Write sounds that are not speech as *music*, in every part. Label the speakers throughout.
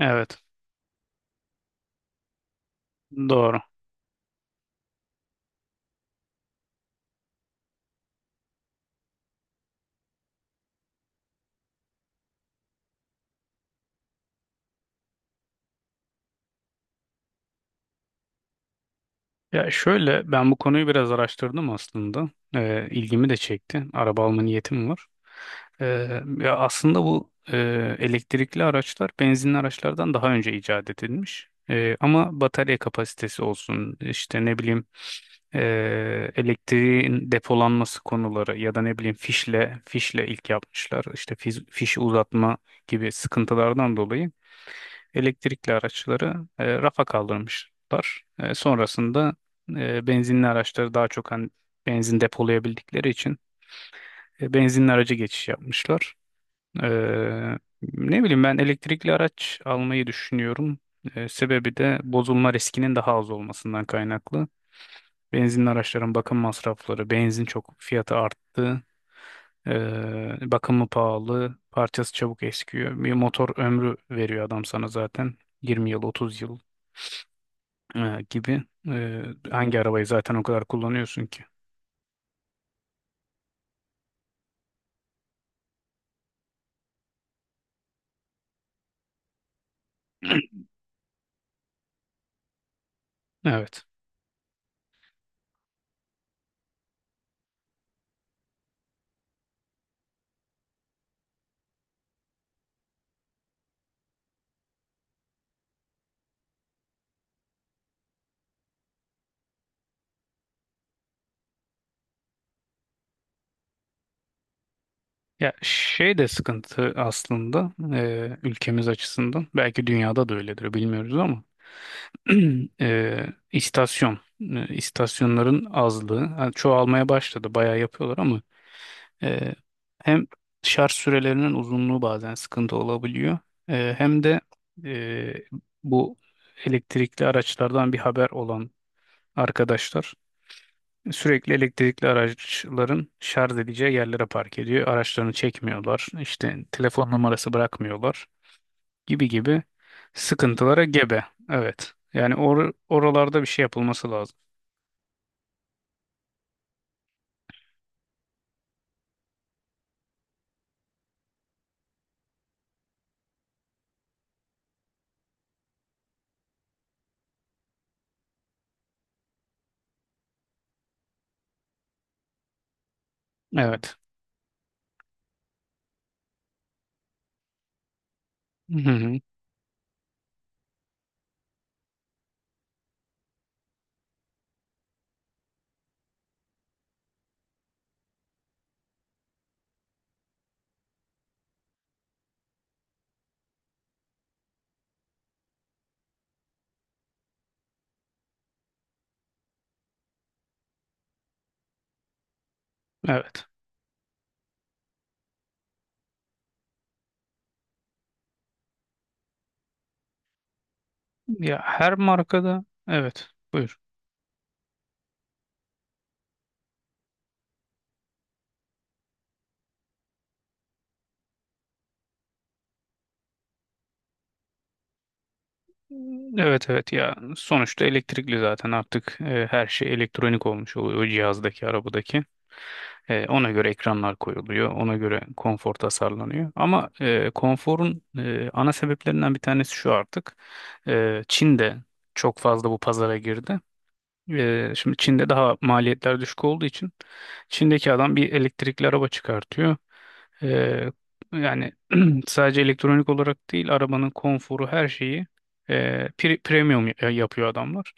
Speaker 1: Evet, doğru. Ya şöyle ben bu konuyu biraz araştırdım aslında. İlgimi de çekti. Araba alma niyetim var. Ee, aslında bu elektrikli araçlar benzinli araçlardan daha önce icat edilmiş. Ama batarya kapasitesi olsun, işte ne bileyim e, elektriğin depolanması konuları ya da ne bileyim fişle ilk yapmışlar. İşte fiş fişi uzatma gibi sıkıntılardan dolayı elektrikli araçları rafa kaldırmışlar. Sonrasında benzinli araçları daha çok hani benzin depolayabildikleri için benzinli araca geçiş yapmışlar. E, ne bileyim ben elektrikli araç almayı düşünüyorum. Sebebi de bozulma riskinin daha az olmasından kaynaklı. Benzinli araçların bakım masrafları, benzin çok fiyatı arttı. E, Bakımı pahalı, parçası çabuk eskiyor. Bir motor ömrü veriyor adam sana zaten. 20 yıl, 30 yıl gibi e, Hangi arabayı zaten o kadar kullanıyorsun ki? *clears throat* Evet. Şey de sıkıntı aslında, ülkemiz açısından belki dünyada da öyledir bilmiyoruz ama *clears throat* istasyonların azlığı. Ha, Çoğalmaya başladı, bayağı yapıyorlar ama e, hem şarj sürelerinin uzunluğu bazen sıkıntı olabiliyor, hem de e, bu elektrikli araçlardan bir haber olan arkadaşlar sürekli elektrikli araçların şarj edeceği yerlere park ediyor. Araçlarını çekmiyorlar. İşte telefon numarası bırakmıyorlar gibi gibi sıkıntılara gebe. Evet. Yani oralarda bir şey yapılması lazım. Evet. Hı hı. Evet. Ya her markada, evet. Buyur. Evet, evet. Ya sonuçta elektrikli zaten artık her şey elektronik olmuş oluyor, o cihazdaki arabadaki. Ona göre ekranlar koyuluyor, ona göre konfor tasarlanıyor. Ama konforun ana sebeplerinden bir tanesi şu artık. Çin de çok fazla bu pazara girdi. Şimdi Çin'de daha maliyetler düşük olduğu için Çin'deki adam bir elektrikli araba çıkartıyor. E, yani *clears throat* sadece elektronik olarak değil, arabanın konforu her şeyi e, premium yapıyor adamlar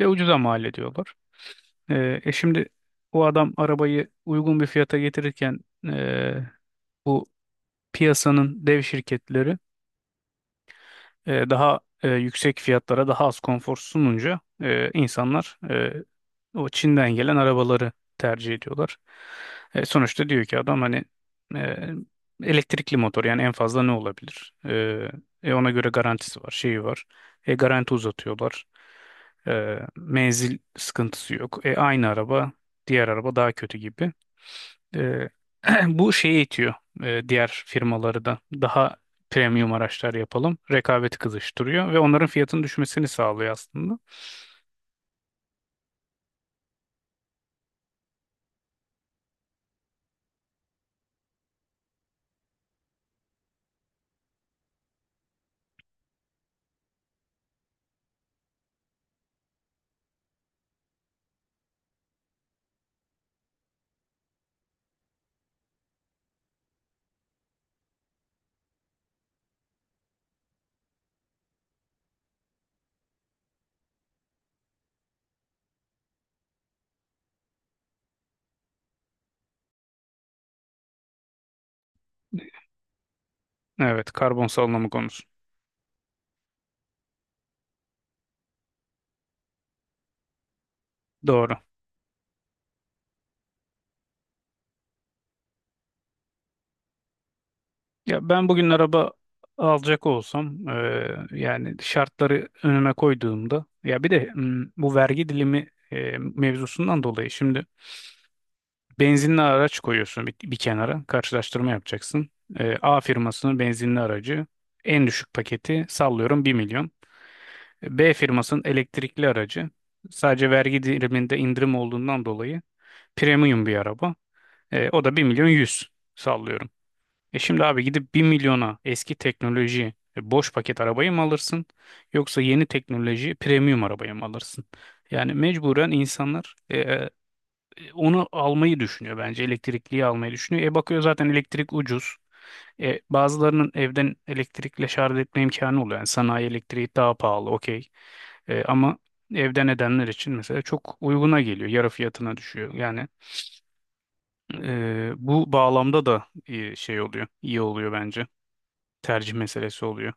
Speaker 1: ve ucuza mal ediyorlar. Şimdi o adam arabayı uygun bir fiyata getirirken e, bu piyasanın dev şirketleri yüksek fiyatlara daha az konfor sununca insanlar o Çin'den gelen arabaları tercih ediyorlar. Sonuçta diyor ki adam hani e, elektrikli motor, yani en fazla ne olabilir? Ona göre garantisi var, şeyi var. Garanti uzatıyorlar. Menzil sıkıntısı yok. Aynı araba, diğer araba daha kötü gibi. Ee, *clears throat* bu şeyi itiyor diğer firmaları da: daha premium araçlar yapalım. Rekabeti kızıştırıyor ve onların fiyatının düşmesini sağlıyor aslında. Evet, karbon salınımı konusu. Doğru. Ya ben bugün araba alacak olsam, yani şartları önüme koyduğumda, bu vergi dilimi mevzusundan dolayı şimdi benzinli araç koyuyorsun bir kenara, karşılaştırma yapacaksın. A firmasının benzinli aracı en düşük paketi, sallıyorum, bir milyon. B firmasının elektrikli aracı, sadece vergi diliminde indirim olduğundan dolayı premium bir araba. O da bir milyon yüz, sallıyorum. Şimdi abi, gidip bir milyona eski teknoloji boş paket arabayı mı alırsın yoksa yeni teknoloji premium arabayı mı alırsın? Yani mecburen insanlar onu almayı düşünüyor, bence elektrikliyi almayı düşünüyor. Bakıyor zaten elektrik ucuz. Bazılarının evden elektrikle şarj etme imkanı oluyor. Yani sanayi elektriği daha pahalı, okey. Ama evden edenler için mesela çok uyguna geliyor. Yarı fiyatına düşüyor. Yani bu bağlamda da iyi şey oluyor, iyi oluyor bence. Tercih meselesi oluyor.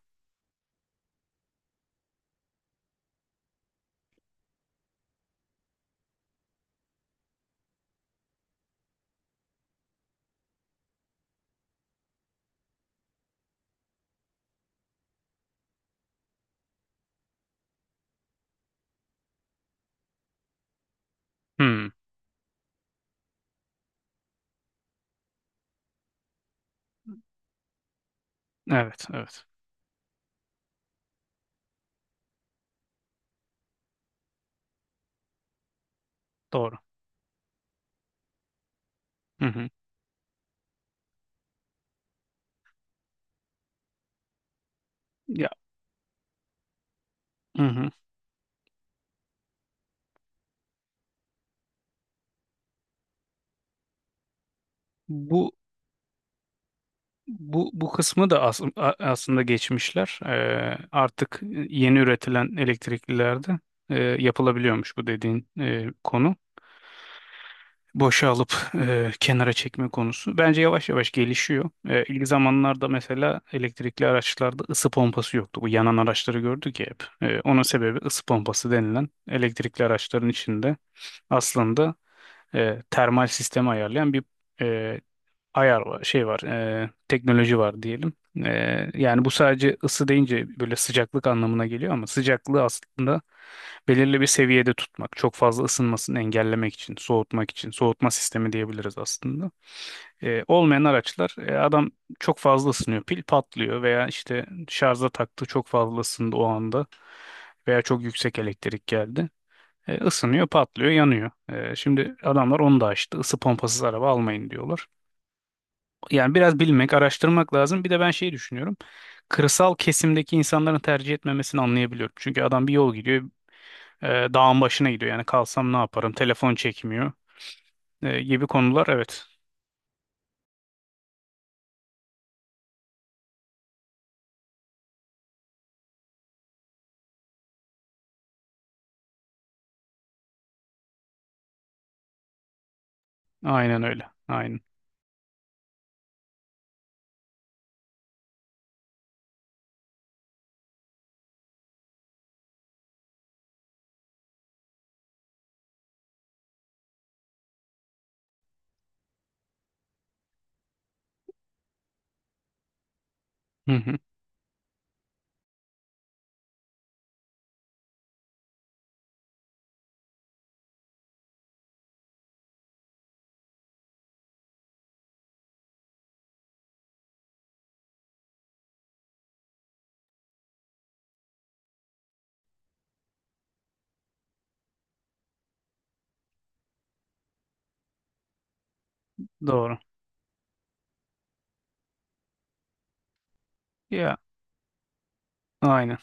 Speaker 1: Hmm, evet, evet. Doğru. Hı hı. Ya, hı hı. Bu bu kısmı da aslında geçmişler. Artık yeni üretilen elektriklilerde yapılabiliyormuş bu dediğin konu. Boşa alıp kenara çekme konusu bence yavaş yavaş gelişiyor. İlk zamanlarda mesela elektrikli araçlarda ısı pompası yoktu. Bu yanan araçları gördük ya hep. Onun sebebi, ısı pompası denilen elektrikli araçların içinde aslında termal sistemi ayarlayan bir e, ayar var, şey var, teknoloji var diyelim. E, yani bu sadece ısı deyince böyle sıcaklık anlamına geliyor, ama sıcaklığı aslında belirli bir seviyede tutmak, çok fazla ısınmasını engellemek için, soğutmak için, soğutma sistemi diyebiliriz aslında. Olmayan araçlar, adam çok fazla ısınıyor, pil patlıyor, veya işte şarja taktı, çok fazla ısındı o anda veya çok yüksek elektrik geldi. Isınıyor, patlıyor, yanıyor. Şimdi adamlar onu da açtı. Isı pompasız araba almayın diyorlar. Yani biraz bilmek, araştırmak lazım. Bir de ben şey düşünüyorum. Kırsal kesimdeki insanların tercih etmemesini anlayabiliyorum. Çünkü adam bir yol gidiyor, e, dağın başına gidiyor. Yani kalsam ne yaparım? Telefon çekmiyor gibi konular. Evet. Aynen öyle. Aynen. Hı hı. Doğru. Ya aynen.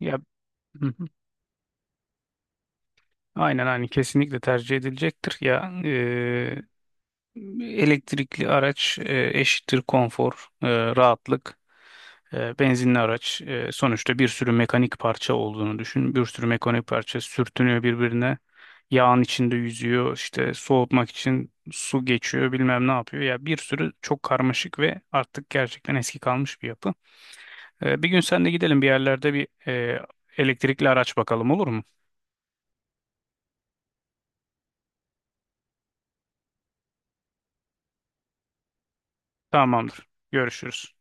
Speaker 1: Ya, hı hı. Aynen, aynen, kesinlikle tercih edilecektir. Elektrikli araç eşittir konfor, rahatlık. Benzinli araç, sonuçta bir sürü mekanik parça olduğunu düşün. Bir sürü mekanik parça sürtünüyor birbirine. Yağın içinde yüzüyor, işte soğutmak için su geçiyor, bilmem ne yapıyor. Ya bir sürü çok karmaşık ve artık gerçekten eski kalmış bir yapı. Bir gün sen de gidelim bir yerlerde bir elektrikli araç bakalım, olur mu? Tamamdır. Görüşürüz.